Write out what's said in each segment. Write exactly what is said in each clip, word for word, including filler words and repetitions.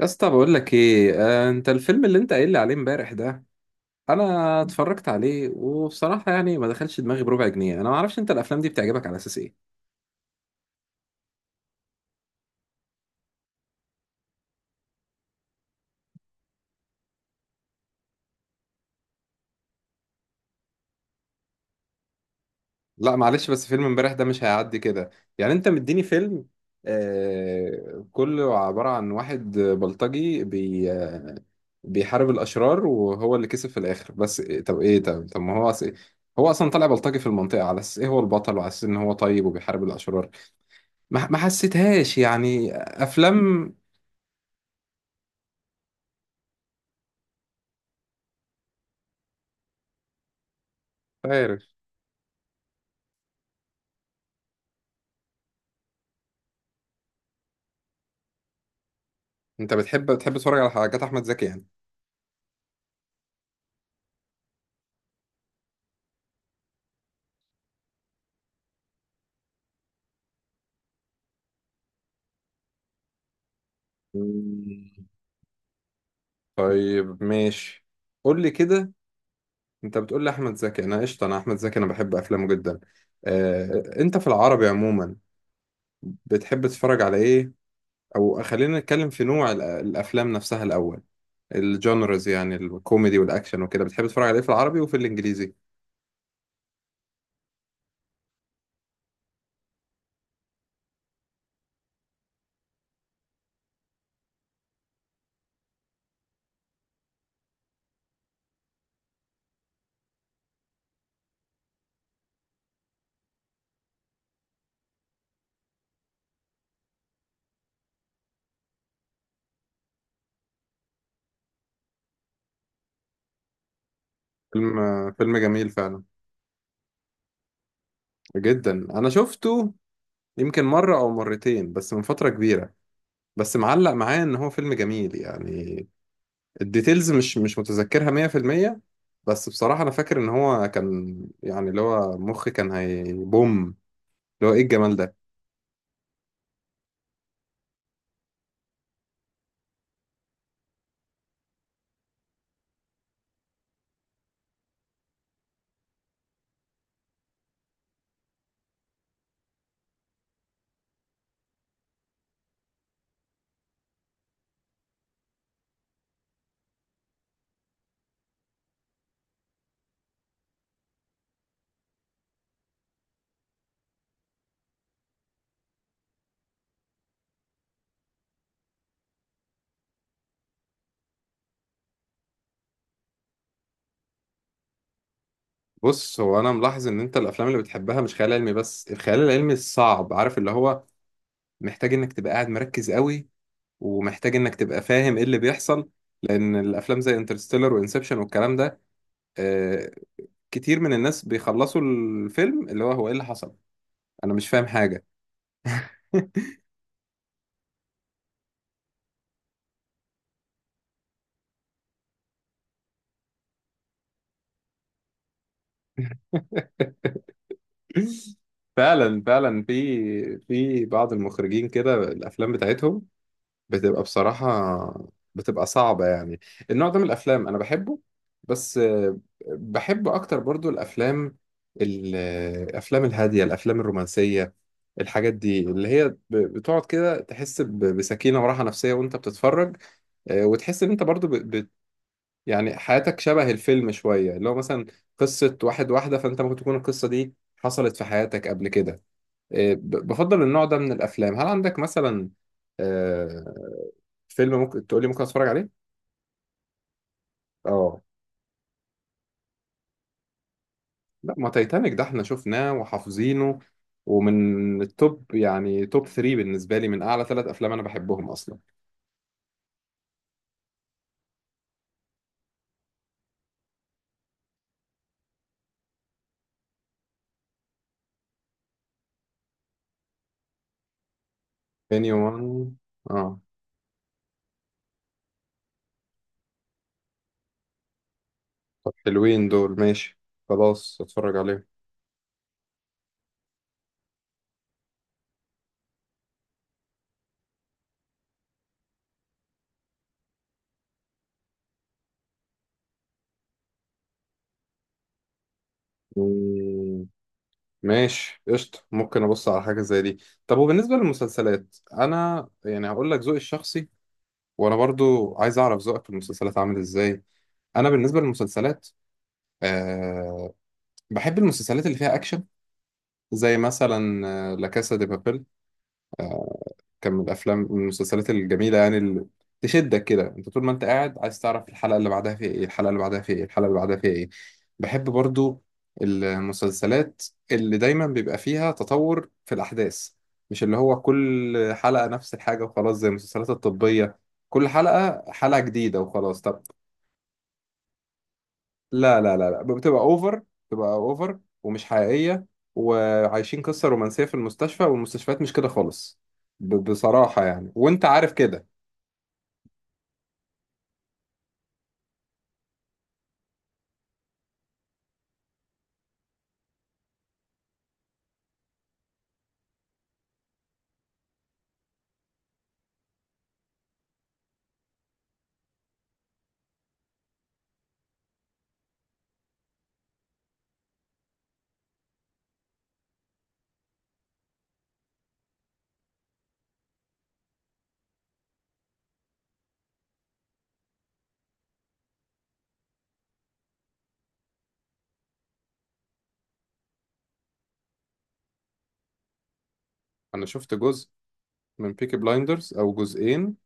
يا اسطى، بقول لك ايه؟ آه انت الفيلم اللي انت قايل لي عليه امبارح ده، انا اتفرجت عليه وبصراحه يعني ما دخلش دماغي بربع جنيه. انا ما اعرفش انت الافلام دي بتعجبك على اساس ايه؟ لا، معلش، بس فيلم امبارح ده مش هيعدي كده. يعني انت مديني فيلم، آه، كله عباره عن واحد بلطجي، بي آه بيحارب الاشرار وهو اللي كسب في الاخر. بس إيه- طب ايه طب طب ما هو أص... هو اصلا طالع بلطجي في المنطقه على اساس ايه هو البطل وعلى اساس ان هو طيب وبيحارب الاشرار. ما ما حسيتهاش يعني افلام. عارف؟ انت بتحب بتحب تتفرج على حاجات احمد زكي يعني. مم. طيب، ماشي، قول لي كده. انت بتقول لي احمد زكي؟ انا قشطه، انا احمد زكي، انا بحب افلامه جدا. آه، انت في العربي عموما بتحب تتفرج على ايه؟ او خلينا نتكلم في نوع ال- الافلام نفسها الاول. الجانرز يعني الكوميدي والاكشن وكده، بتحب تتفرج على ايه في العربي وفي الانجليزي؟ فيلم. فيلم جميل فعلا. جدا. انا شفته يمكن مره او مرتين بس من فتره كبيره. بس معلق معايا ان هو فيلم جميل يعني. الديتيلز مش مش متذكرها مية في المية. بس بصراحة أنا فاكر إن هو كان، يعني اللي هو مخي كان هيبوم، اللي هو إيه الجمال ده. بص، هو أنا ملاحظ إن أنت الأفلام اللي بتحبها مش خيال علمي، بس الخيال العلمي الصعب، عارف، اللي هو محتاج إنك تبقى قاعد مركز قوي ومحتاج إنك تبقى فاهم إيه اللي بيحصل. لأن الأفلام زي انترستيلر وإنسبشن والكلام ده، آه كتير من الناس بيخلصوا الفيلم اللي هو هو إيه اللي حصل؟ أنا مش فاهم حاجة. فعلا فعلا، في في بعض المخرجين كده الافلام بتاعتهم بتبقى بصراحه بتبقى صعبه يعني. النوع ده من الافلام انا بحبه، بس آه، بحب اكتر برضو الافلام ال- آه، الافلام الهاديه، الافلام الرومانسيه، الحاجات دي اللي هي ب- بتقعد كده تحس ب- بسكينه وراحه نفسيه وانت بتتفرج، آه، وتحس ان انت برضو ب... ب... يعني حياتك شبه الفيلم شويه، اللي هو مثلا قصه واحد واحده، فانت ممكن تكون القصه دي حصلت في حياتك قبل كده. إيه، ب- بفضل النوع ده من الافلام. هل عندك مثلا آه، فيلم ممكن تقول لي ممكن اتفرج عليه؟ اه، لا، ما تايتانيك ده احنا شفناه وحافظينه، ومن التوب يعني توب ثلاثة بالنسبه لي، من اعلى ثلاث افلام انا بحبهم اصلا. اني وان، اه. طب حلوين دول، ماشي، خلاص اتفرج عليهم. مم، ماشي، قشطة، ممكن أبص على حاجة زي دي. طب، وبالنسبة للمسلسلات، أنا يعني هقول لك ذوقي الشخصي، وانا برضو عايز اعرف ذوقك في المسلسلات عامل ازاي. انا بالنسبه للمسلسلات، أه، بحب المسلسلات اللي فيها اكشن، زي مثلا آه، لا كاسا دي بابيل. كان من الافلام، من المسلسلات الجميله يعني، اللي تشدك كده، انت طول ما انت قاعد عايز تعرف الحلقه اللي بعدها فيها ايه، الحلقه اللي بعدها فيها ايه، الحلقه اللي بعدها فيها ايه. بحب برضو المسلسلات اللي دايما بيبقى فيها تطور في الاحداث، مش اللي هو كل حلقه نفس الحاجه وخلاص، زي المسلسلات الطبيه، كل حلقه حلقه جديده وخلاص. طب. لا، لا، لا، لا، بتبقى اوفر. بتبقى اوفر ومش حقيقية، وعايشين قصة رومانسية في المستشفى، والمستشفيات مش كده خالص. ب- بصراحة يعني، وانت عارف كده. انا شفت جزء من بيكي بلايندرز او جزئين،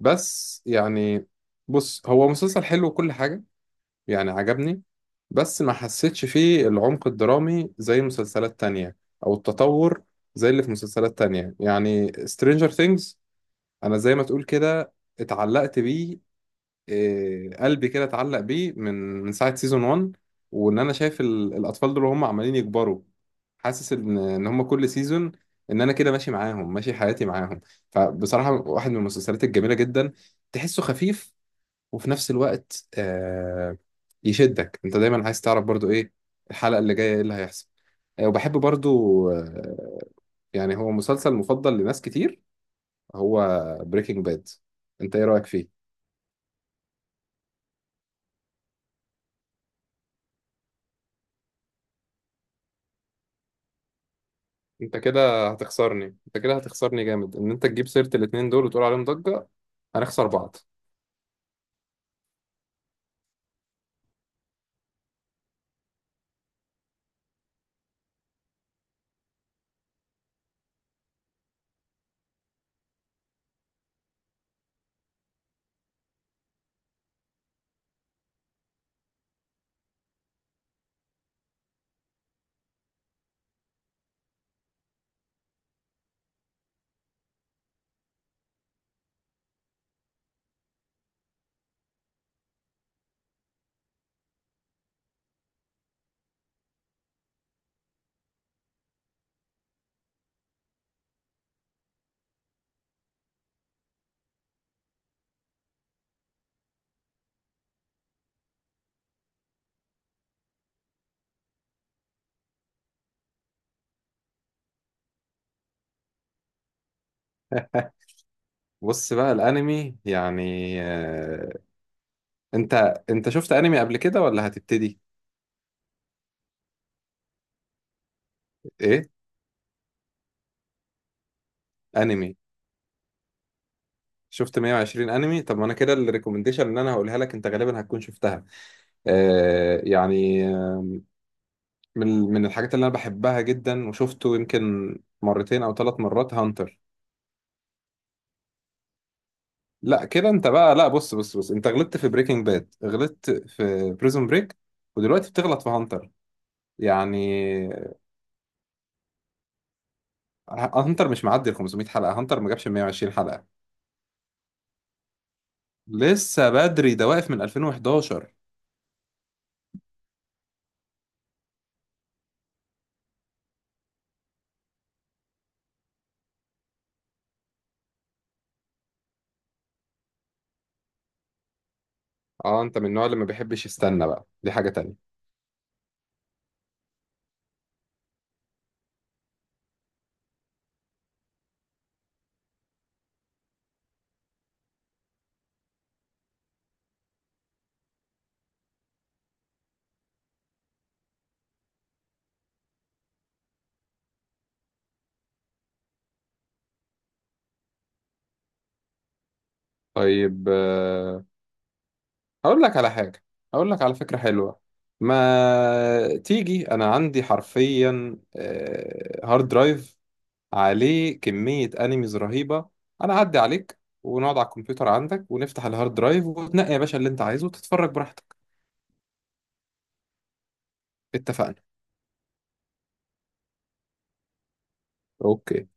بس يعني، بص، هو مسلسل حلو وكل حاجة يعني، عجبني. بس ما حسيتش فيه العمق الدرامي زي مسلسلات تانية، او التطور زي اللي في مسلسلات تانية، يعني Stranger Things انا زي ما تقول كده اتعلقت بيه. إيه، قلبي كده اتعلق بيه من من ساعة سيزون ون، وان انا شايف ال- الاطفال دول وهم عمالين يكبروا، حاسس ان ان هم كل سيزون، ان انا كده ماشي معاهم، ماشي حياتي معاهم. فبصراحة واحد من المسلسلات الجميلة جدا، تحسه خفيف وفي نفس الوقت آه يشدك، انت دايما عايز تعرف برضو ايه الحلقة اللي جاية، ايه اللي هيحصل. آه، وبحب برضو آه، يعني هو مسلسل مفضل لناس كتير، هو بريكنج باد. انت ايه رأيك فيه؟ انت كده هتخسرني، انت كده هتخسرني جامد ان انت تجيب سيرة الاتنين دول وتقول عليهم ضجة. هنخسر بعض. بص بقى الانمي يعني، آه، انت انت شفت انمي قبل كده ولا هتبتدي؟ ايه؟ انمي؟ شفت مية وعشرين انمي؟ طب ما انا كده الريكومنديشن اللي انا هقولها لك انت غالبا هتكون شفتها. آه يعني آه، من من الحاجات اللي انا بحبها جدا وشفته يمكن مرتين او ثلاث مرات، هانتر. لا، كده انت بقى! لا، بص بص بص، انت غلطت في بريكنج باد، غلطت في بريزون بريك، ودلوقتي بتغلط في هانتر. يعني ه- هانتر مش معدي ال خمسمئة حلقة، هانتر ما جابش مية وعشرين حلقة، لسه بدري، ده واقف من الفين وحداشر. اه، انت من النوع اللي ما بيحبش يستنى بقى، دي حاجة تانية. طيب، آه، هقول لك على حاجة، هقول لك على فكرة حلوة. ما تيجي، انا عندي حرفيا آه، هارد درايف عليه كمية انيميز رهيبة. انا اعدي عليك ونقعد على الكمبيوتر عندك ونفتح الهارد درايف وتنقي يا باشا اللي انت عايزه وتتفرج براحتك. اتفقنا. اوكي.